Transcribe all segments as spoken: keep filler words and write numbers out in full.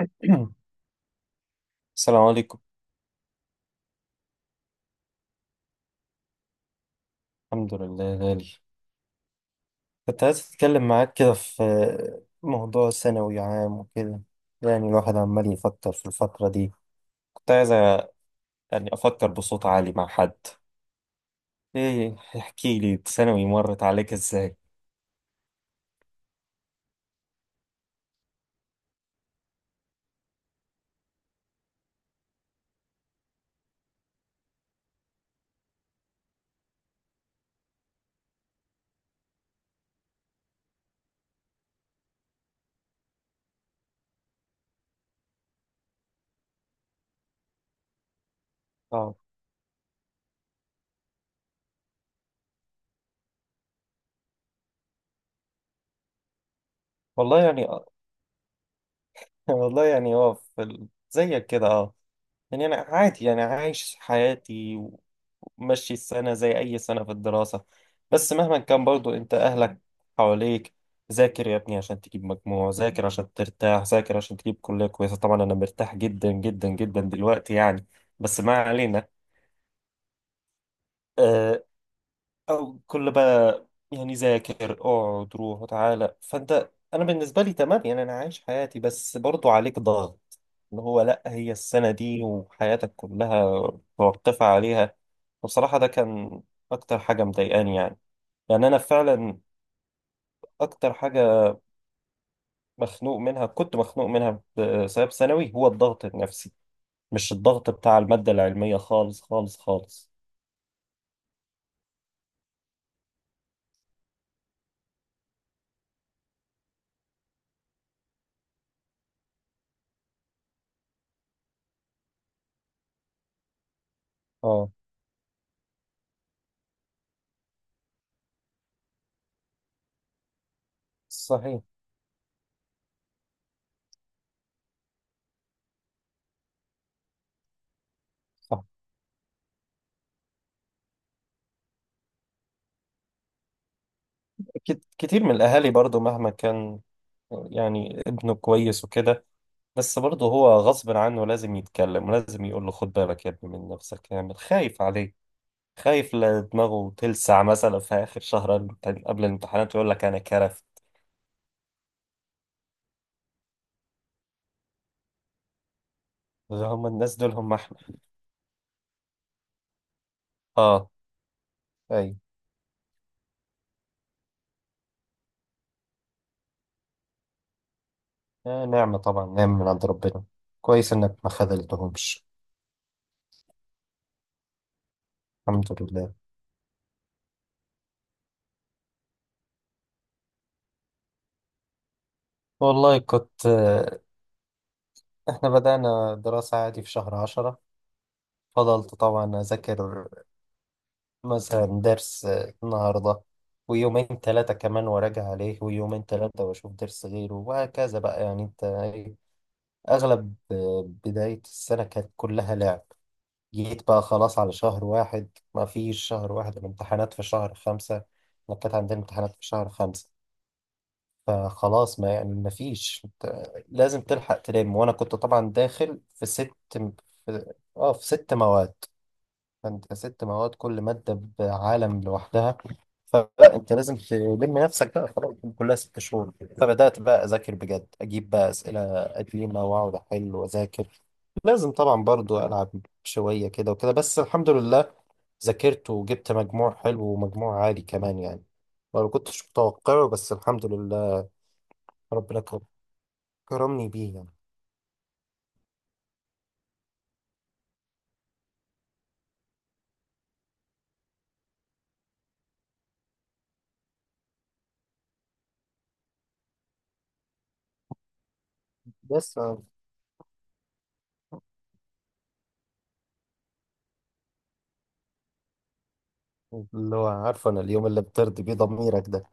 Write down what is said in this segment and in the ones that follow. السلام عليكم. الحمد لله يا غالي. كنت عايز أتكلم معاك كده في موضوع ثانوي عام وكده، يعني الواحد عمال يفكر في الفترة دي. كنت عايز أ- يعني أفكر بصوت عالي مع حد. إيه، احكي لي ثانوي مرت عليك إزاي؟ آه، والله يعني والله يعني هو في ال- زيك كده. آه يعني أنا عادي، أنا عايش حياتي، ومشي السنة زي أي سنة في الدراسة. بس مهما كان برضو أنت أهلك حواليك، ذاكر يا ابني عشان تجيب مجموع، ذاكر عشان ترتاح، ذاكر عشان تجيب كلية كويسة. طبعا أنا مرتاح جدا جدا جدا دلوقتي يعني، بس ما علينا. آه، أو كل بقى، يعني ذاكر اقعد روح وتعالى. فانت انا بالنسبه لي تمام، يعني انا عايش حياتي، بس برضو عليك ضغط، اللي هو لا، هي السنه دي وحياتك كلها مرتفع عليها. بصراحه ده كان اكتر حاجه مضايقاني يعني. يعني انا فعلا اكتر حاجه مخنوق منها، كنت مخنوق منها بسبب ثانوي. هو الضغط النفسي، مش الضغط بتاع الماده العلميه، خالص خالص خالص. اه، صحيح. صح. كت- كتير من الأهالي برضو مهما كان، يعني ابنه كويس وكده، بس برضه هو غصب عنه لازم يتكلم، ولازم يقول له: خد بالك يا ابني من نفسك. يعني خايف عليه، خايف لا دماغه تلسع مثلا في آخر شهر الامتحان- قبل الامتحانات يقول لك أنا كرف. هم الناس دول هم إحنا. آه. أيوة. آه، نعمة طبعا، نعمة من عند ربنا. كويس إنك ما خذلتهمش. الحمد لله. والله كنت آه، إحنا بدأنا دراسة عادي في شهر عشرة. فضلت طبعا أذاكر، مثلا درس النهاردة، ويومين ثلاثة كمان وراجع عليه، ويومين ثلاثة وأشوف درس غيره، وهكذا بقى. يعني أنت إيه، أغلب بداية السنة كانت كلها لعب. جيت بقى خلاص على شهر واحد، ما فيش شهر واحد، الامتحانات في شهر خمسة. إحنا كانت عندنا امتحانات في شهر خمسة، فخلاص، ما يعني ما فيش، أنت لازم تلحق تلم. وأنا كنت طبعا داخل في ست في... آه في ست مواد. فأنت ست مواد كل مادة بعالم لوحدها، فلا انت لازم تلم نفسك بقى. خلاص كلها ست شهور. فبدات بقى اذاكر بجد، اجيب بقى اسئله قديمه واقعد احل واذاكر. لازم طبعا برضو العب شويه كده وكده، بس الحمد لله، ذاكرت وجبت مجموع حلو، ومجموع عالي كمان يعني، ما كنتش متوقعه، بس الحمد لله ربنا كر- كرمني بيه يعني. بس اللي هو عارفه انا اليوم اللي بترضي بيه ضميرك ده.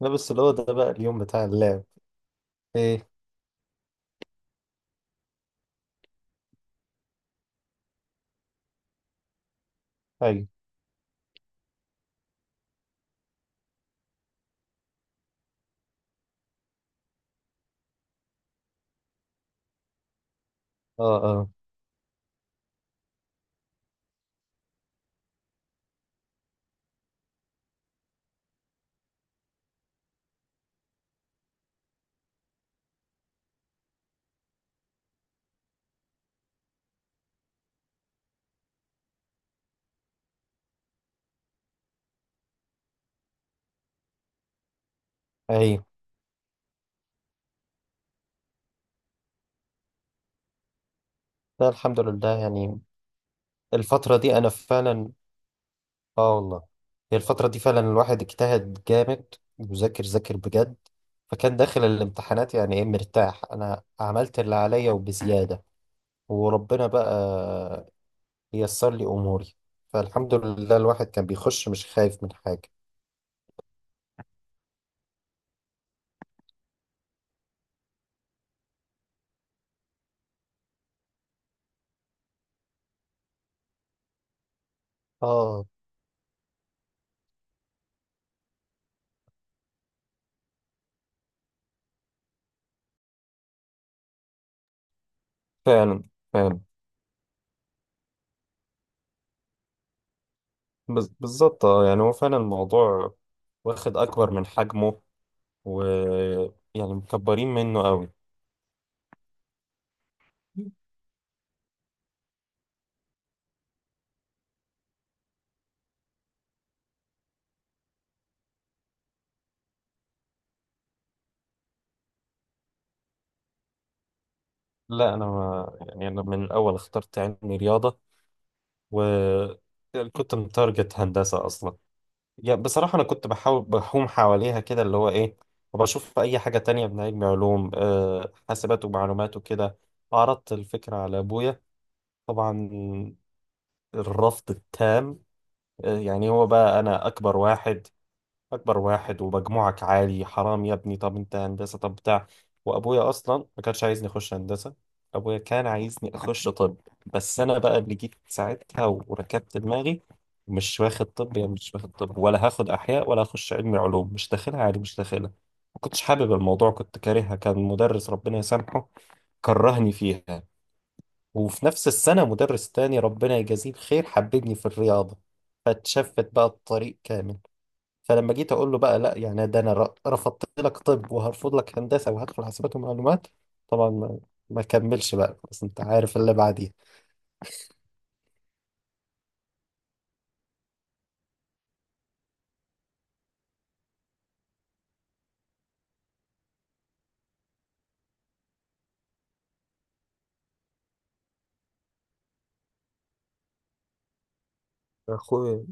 لا بس اللي هو ده بقى اليوم بتاع اللعب. ايه؟ ايوه. اه. اه. ايوه. لا، الحمد لله يعني. الفترة دي أنا فعلا، آه والله، هي الفترة دي فعلا الواحد اجتهد جامد، وذاكر ذاكر بجد، فكان داخل الامتحانات يعني إيه مرتاح، أنا عملت اللي عليا وبزيادة، وربنا بقى ييسر لي أموري. فالحمد لله الواحد كان بيخش مش خايف من حاجة. آه. فعلا. فعلا. بز- بالظبط. آه، يعني هو فعلا الموضوع واخد أكبر من حجمه، ويعني مكبرين منه قوي. لا، أنا ما يعني، أنا من الأول اخترت علمي رياضة. و يعني كنت متارجت هندسة أصلا، يعني بصراحة أنا كنت بحاول بحوم حواليها كده اللي هو إيه، وبشوف أي حاجة تانية من علم علوم، آه، حاسبات ومعلومات وكده. عرضت الفكرة على أبويا، طبعا الرفض التام. آه، يعني هو بقى أنا أكبر واحد، اكبر واحد ومجموعك عالي، حرام يا ابني، طب انت هندسه، طب بتاع. وابويا اصلا ما كانش عايزني اخش هندسه، ابويا كان عايزني اخش طب. بس انا بقى اللي جيت ساعتها وركبت دماغي، مش واخد طب. يعني مش واخد طب، ولا هاخد احياء، ولا هخش علمي علوم، مش داخلها عادي، مش داخلها. ما كنتش حابب الموضوع، كنت كارهها. كان مدرس ربنا يسامحه كرهني فيها، وفي نفس السنه مدرس تاني ربنا يجازيه الخير حببني في الرياضه، فاتشفت بقى الطريق كامل. فلما جيت اقول له بقى لا، يعني ده انا ر- رفضت لك طب، وهرفض لك هندسه، وهدخل حاسبات ومعلومات. طبعا ما, ما كملش بقى، بس انت عارف اللي بعديها. اخويا،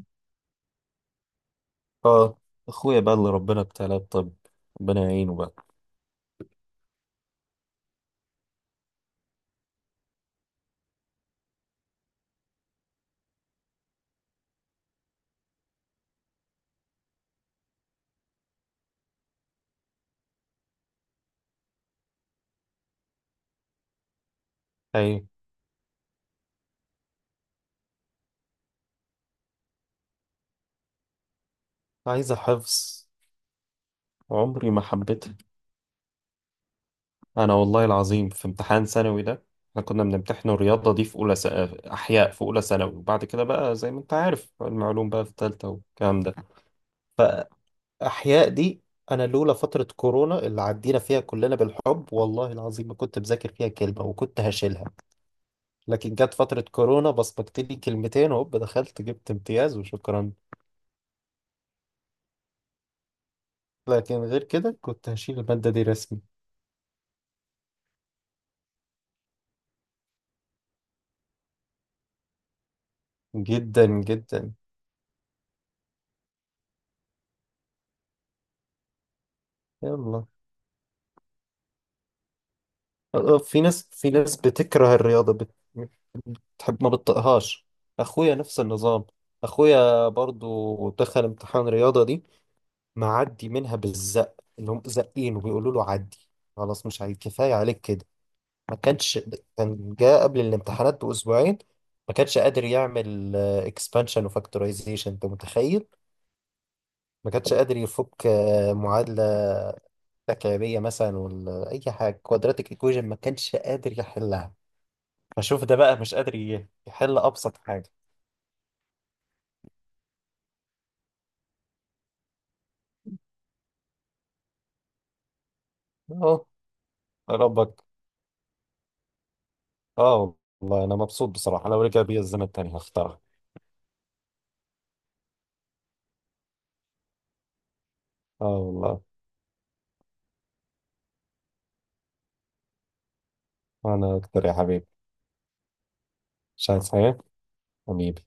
اه، اخويا بقى اللي ربنا ابتلاه بطب، ربنا يعينه بقى. ايوه. عايزة حفظ، عمري ما حبيتها. انا والله العظيم في امتحان ثانوي ده، احنا كنا بنمتحن الرياضه دي في اولى س... احياء في اولى ثانوي، وبعد كده بقى زي ما انت عارف المعلوم بقى في ثالثه والكلام ده. فاحياء دي انا لولا فتره كورونا اللي عدينا فيها كلنا بالحب، والله العظيم ما كنت بذاكر فيها كلمه وكنت هشيلها. لكن جت فتره كورونا بصمجت لي كلمتين وهوب دخلت، جبت امتياز وشكرا. لكن غير كده كنت هشيل الماده دي رسمي. جدا جدا. يلا. آه، في ناس، في ناس بتكره الرياضة بت... بتحب، ما بتطقهاش. اخويا نفس النظام، اخويا برضو دخل امتحان رياضة دي، معدي منها بالزق. اللي هم زقين وبيقولوا له: عدي خلاص، مش عايز، كفاية عليك كده. ما كانش، كان جاء قبل الامتحانات بأسبوعين، ما كانش قادر يعمل اكسبانشن وفاكتورايزيشن، انت متخيل. ما كانش قادر يفك آه، معادلة تكعيبية مثلا، ولا أي حاجة، كوادراتيك ايكويجن ما كانش قادر يحلها. فشوف ده بقى مش قادر ي- يحل ابسط حاجه. اهو، ربك. اه، والله انا مبسوط بصراحه، لو رجع بيا الزمن تاني هختارها. اه والله. انا اكتر يا حبيبي. مش عايز حاجه، حبيبي.